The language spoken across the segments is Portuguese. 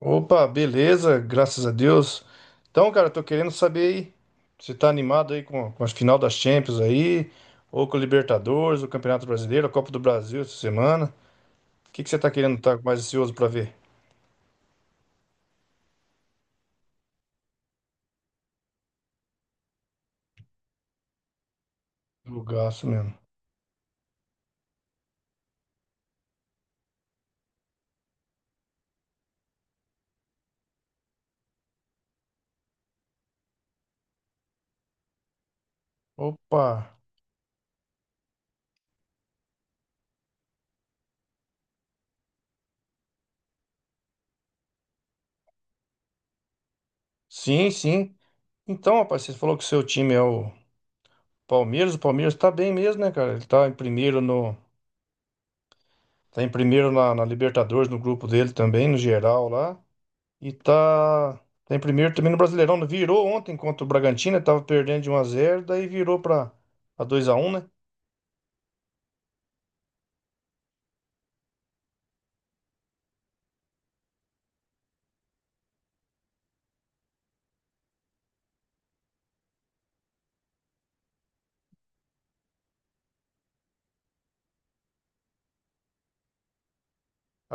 Opa, beleza, graças a Deus. Então, cara, tô querendo saber aí, você tá animado aí com a final das Champions aí, ou com o Libertadores, o Campeonato Brasileiro, a Copa do Brasil essa semana. O que que você tá querendo estar mais ansioso pra ver? Jogaço mesmo. Opa, sim, sim. Então, rapaz, você falou que o seu time é o Palmeiras tá bem mesmo, né, cara? Ele tá em primeiro no, tá em primeiro na Libertadores, no grupo dele também, no geral lá. E tá, tá em primeiro também no Brasileirão, né? Virou ontem contra o Bragantino, tava perdendo de um a zero, daí virou pra a 2 a um, né?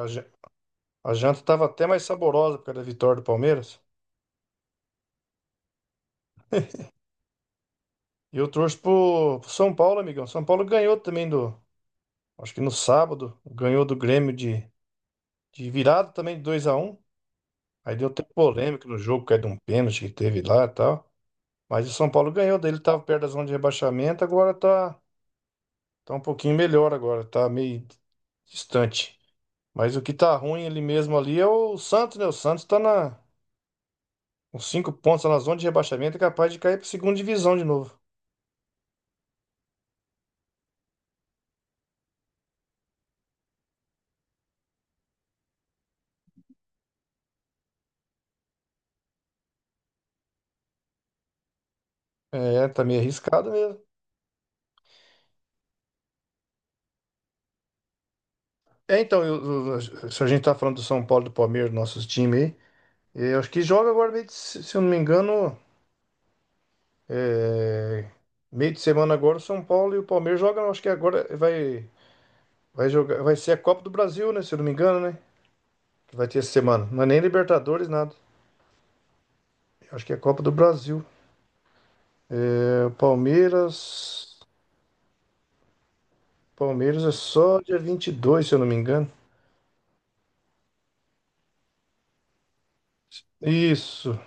A, ja- a janta tava até mais saborosa por causa da vitória do Palmeiras. E eu torço pro São Paulo, amigão. São Paulo ganhou também acho que no sábado, ganhou do Grêmio de virada também de 2 a um. Aí deu até polêmica no jogo, caiu de um pênalti que teve lá e tal. Mas o São Paulo ganhou, daí ele tava perto da zona de rebaixamento, tá um pouquinho melhor agora, tá meio distante. Mas o que tá ruim ele mesmo ali é o Santos, né? O Santos tá na, Com cinco pontos tá na zona de rebaixamento, é capaz de cair pra segunda divisão de novo. É, tá meio arriscado mesmo. É, então, se a gente tá falando do São Paulo, do Palmeiras, nossos times aí, é, eu acho que joga agora, se eu não me engano, é, meio de semana agora, o São Paulo e o Palmeiras jogam, acho que vai jogar, vai ser a Copa do Brasil, né? Se eu não me engano, né? Que vai ter essa semana. Não é nem Libertadores, nada. Eu acho que é a Copa do Brasil. É, o Palmeiras. Palmeiras é só dia 22, se eu não me engano. Isso.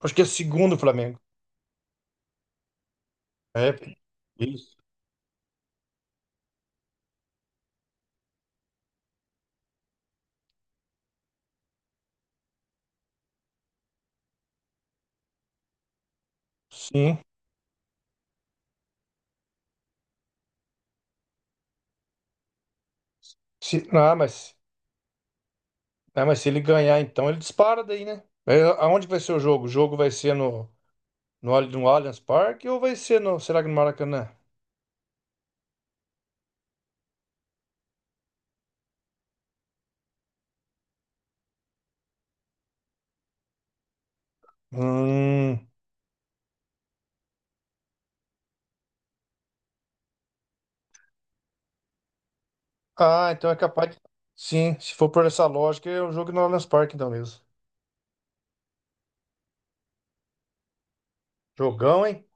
Acho que é segundo o Flamengo. É. Isso. Sim. Se, ah, mas se ele ganhar, então ele dispara daí, né? É, aonde vai ser o jogo? O jogo vai ser no Allianz Parque ou vai ser no. Será que no Maracanã? Hum. Ah, então é capaz de. Sim, se for por essa lógica, é o jogo no Allianz Parque, então mesmo. Jogão, hein?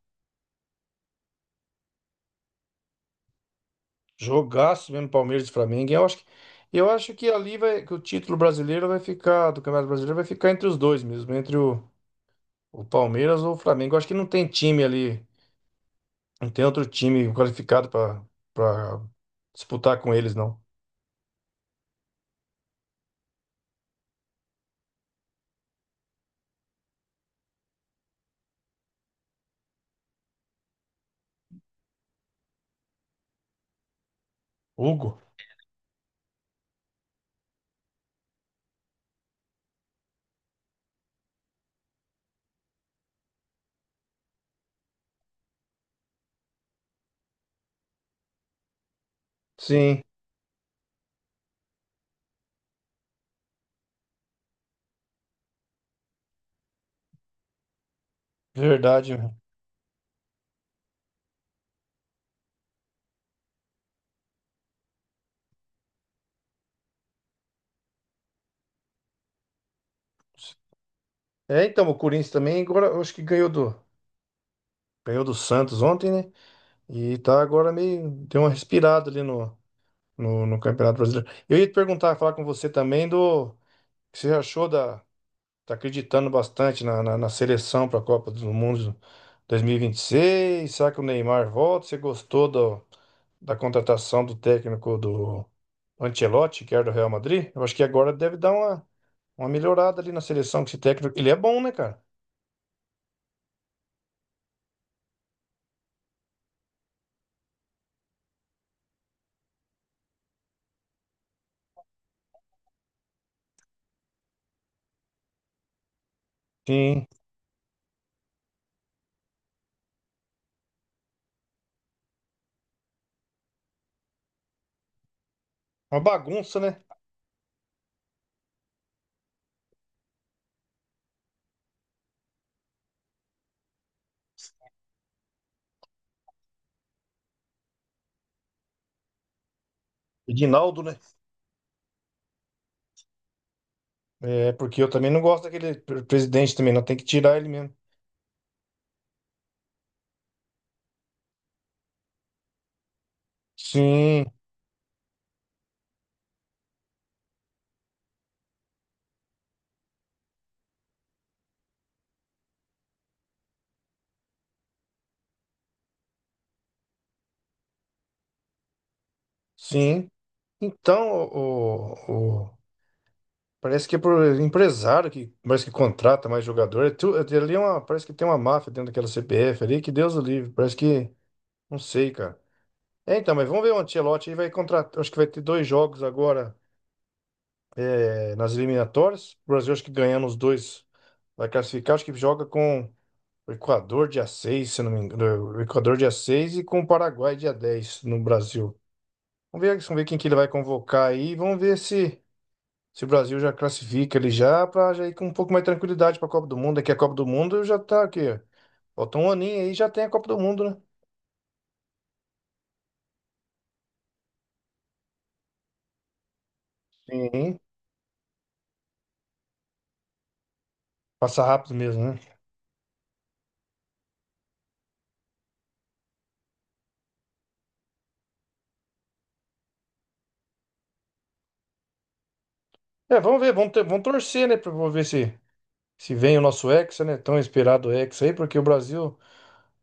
Jogaço mesmo Palmeiras e Flamengo. Eu acho que ali vai, que o título brasileiro vai ficar, do Campeonato Brasileiro vai ficar entre os dois mesmo, o Palmeiras ou o Flamengo. Eu acho que não tem time ali, não tem outro time qualificado para disputar com eles, não. Hugo? Sim, verdade. É, então, o Corinthians também, agora eu acho que ganhou ganhou do Santos ontem, né? E tá agora meio, deu uma respirada ali no, no Campeonato Brasileiro. Eu ia te perguntar, falar com você também do o que você achou da. Tá acreditando bastante na seleção para a Copa do Mundo 2026. Será que o Neymar volta? Você gostou da contratação do técnico do Ancelotti, que era do Real Madrid? Eu acho que agora deve dar uma melhorada ali na seleção, que esse técnico, ele é bom, né, cara? Sim, uma bagunça, né? Edinaldo, né? É, porque eu também não gosto daquele presidente também, não tem que tirar ele mesmo. Sim, sim. Então, o, parece que é por empresário que parece que contrata mais jogador. Ali é uma, parece que tem uma máfia dentro daquela CBF ali, que Deus o livre. Parece que. Não sei, cara. É, então, mas vamos ver o Ancelotti aí vai contratar. Acho que vai ter dois jogos agora é, nas eliminatórias. O Brasil acho que ganhando os dois vai classificar. Acho que joga com o Equador dia 6 se não me engano. O Equador dia 6 e com o Paraguai dia 10 no Brasil. Vamos ver quem que ele vai convocar aí. Vamos ver se. Se o Brasil já classifica ele já, para já ir com um pouco mais de tranquilidade para a Copa do Mundo, é a Copa do Mundo já tá aqui, ó. Falta um aninho aí já tem a Copa do Mundo, né? Sim, passa rápido mesmo, né? É, vamos torcer, né, para ver se vem o nosso Hexa, né? Tão esperado Hexa aí, porque o Brasil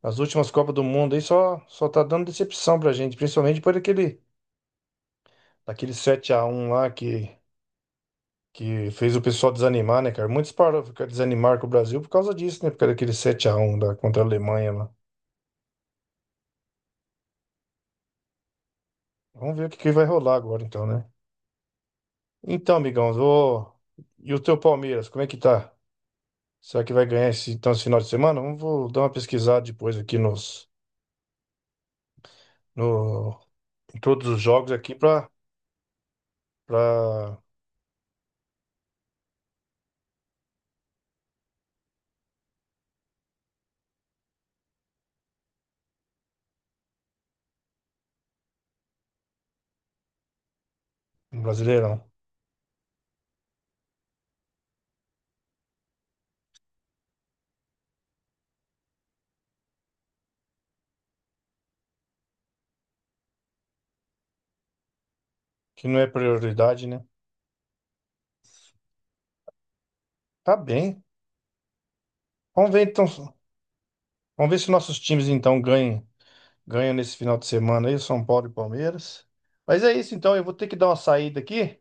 nas últimas Copas do Mundo aí só tá dando decepção pra gente, principalmente por aquele 7 a um lá que fez o pessoal desanimar, né, cara? Muitos pararam, ficaram desanimaram com o Brasil por causa disso, né? Por causa daquele 7 a um da contra a Alemanha lá. Vamos ver o que que vai rolar agora, então, né? Então, amigão, vou... e o teu Palmeiras, como é que tá? Será que vai ganhar esse, então, esse final de semana? Vamos vou dar uma pesquisada depois aqui nos, no, em todos os jogos aqui para Brasileirão, que não é prioridade, né? Tá bem. Vamos ver então, vamos ver se nossos times então ganham, ganham nesse final de semana aí, São Paulo e Palmeiras. Mas é isso então, eu vou ter que dar uma saída aqui.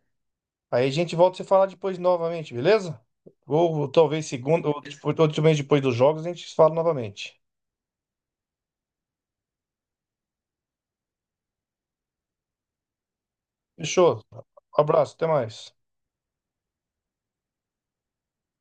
Aí a gente volta a se falar depois novamente, beleza? Ou talvez segunda, ou depois, ou mês depois dos jogos, a gente se fala novamente. Fechou. Abraço, até mais.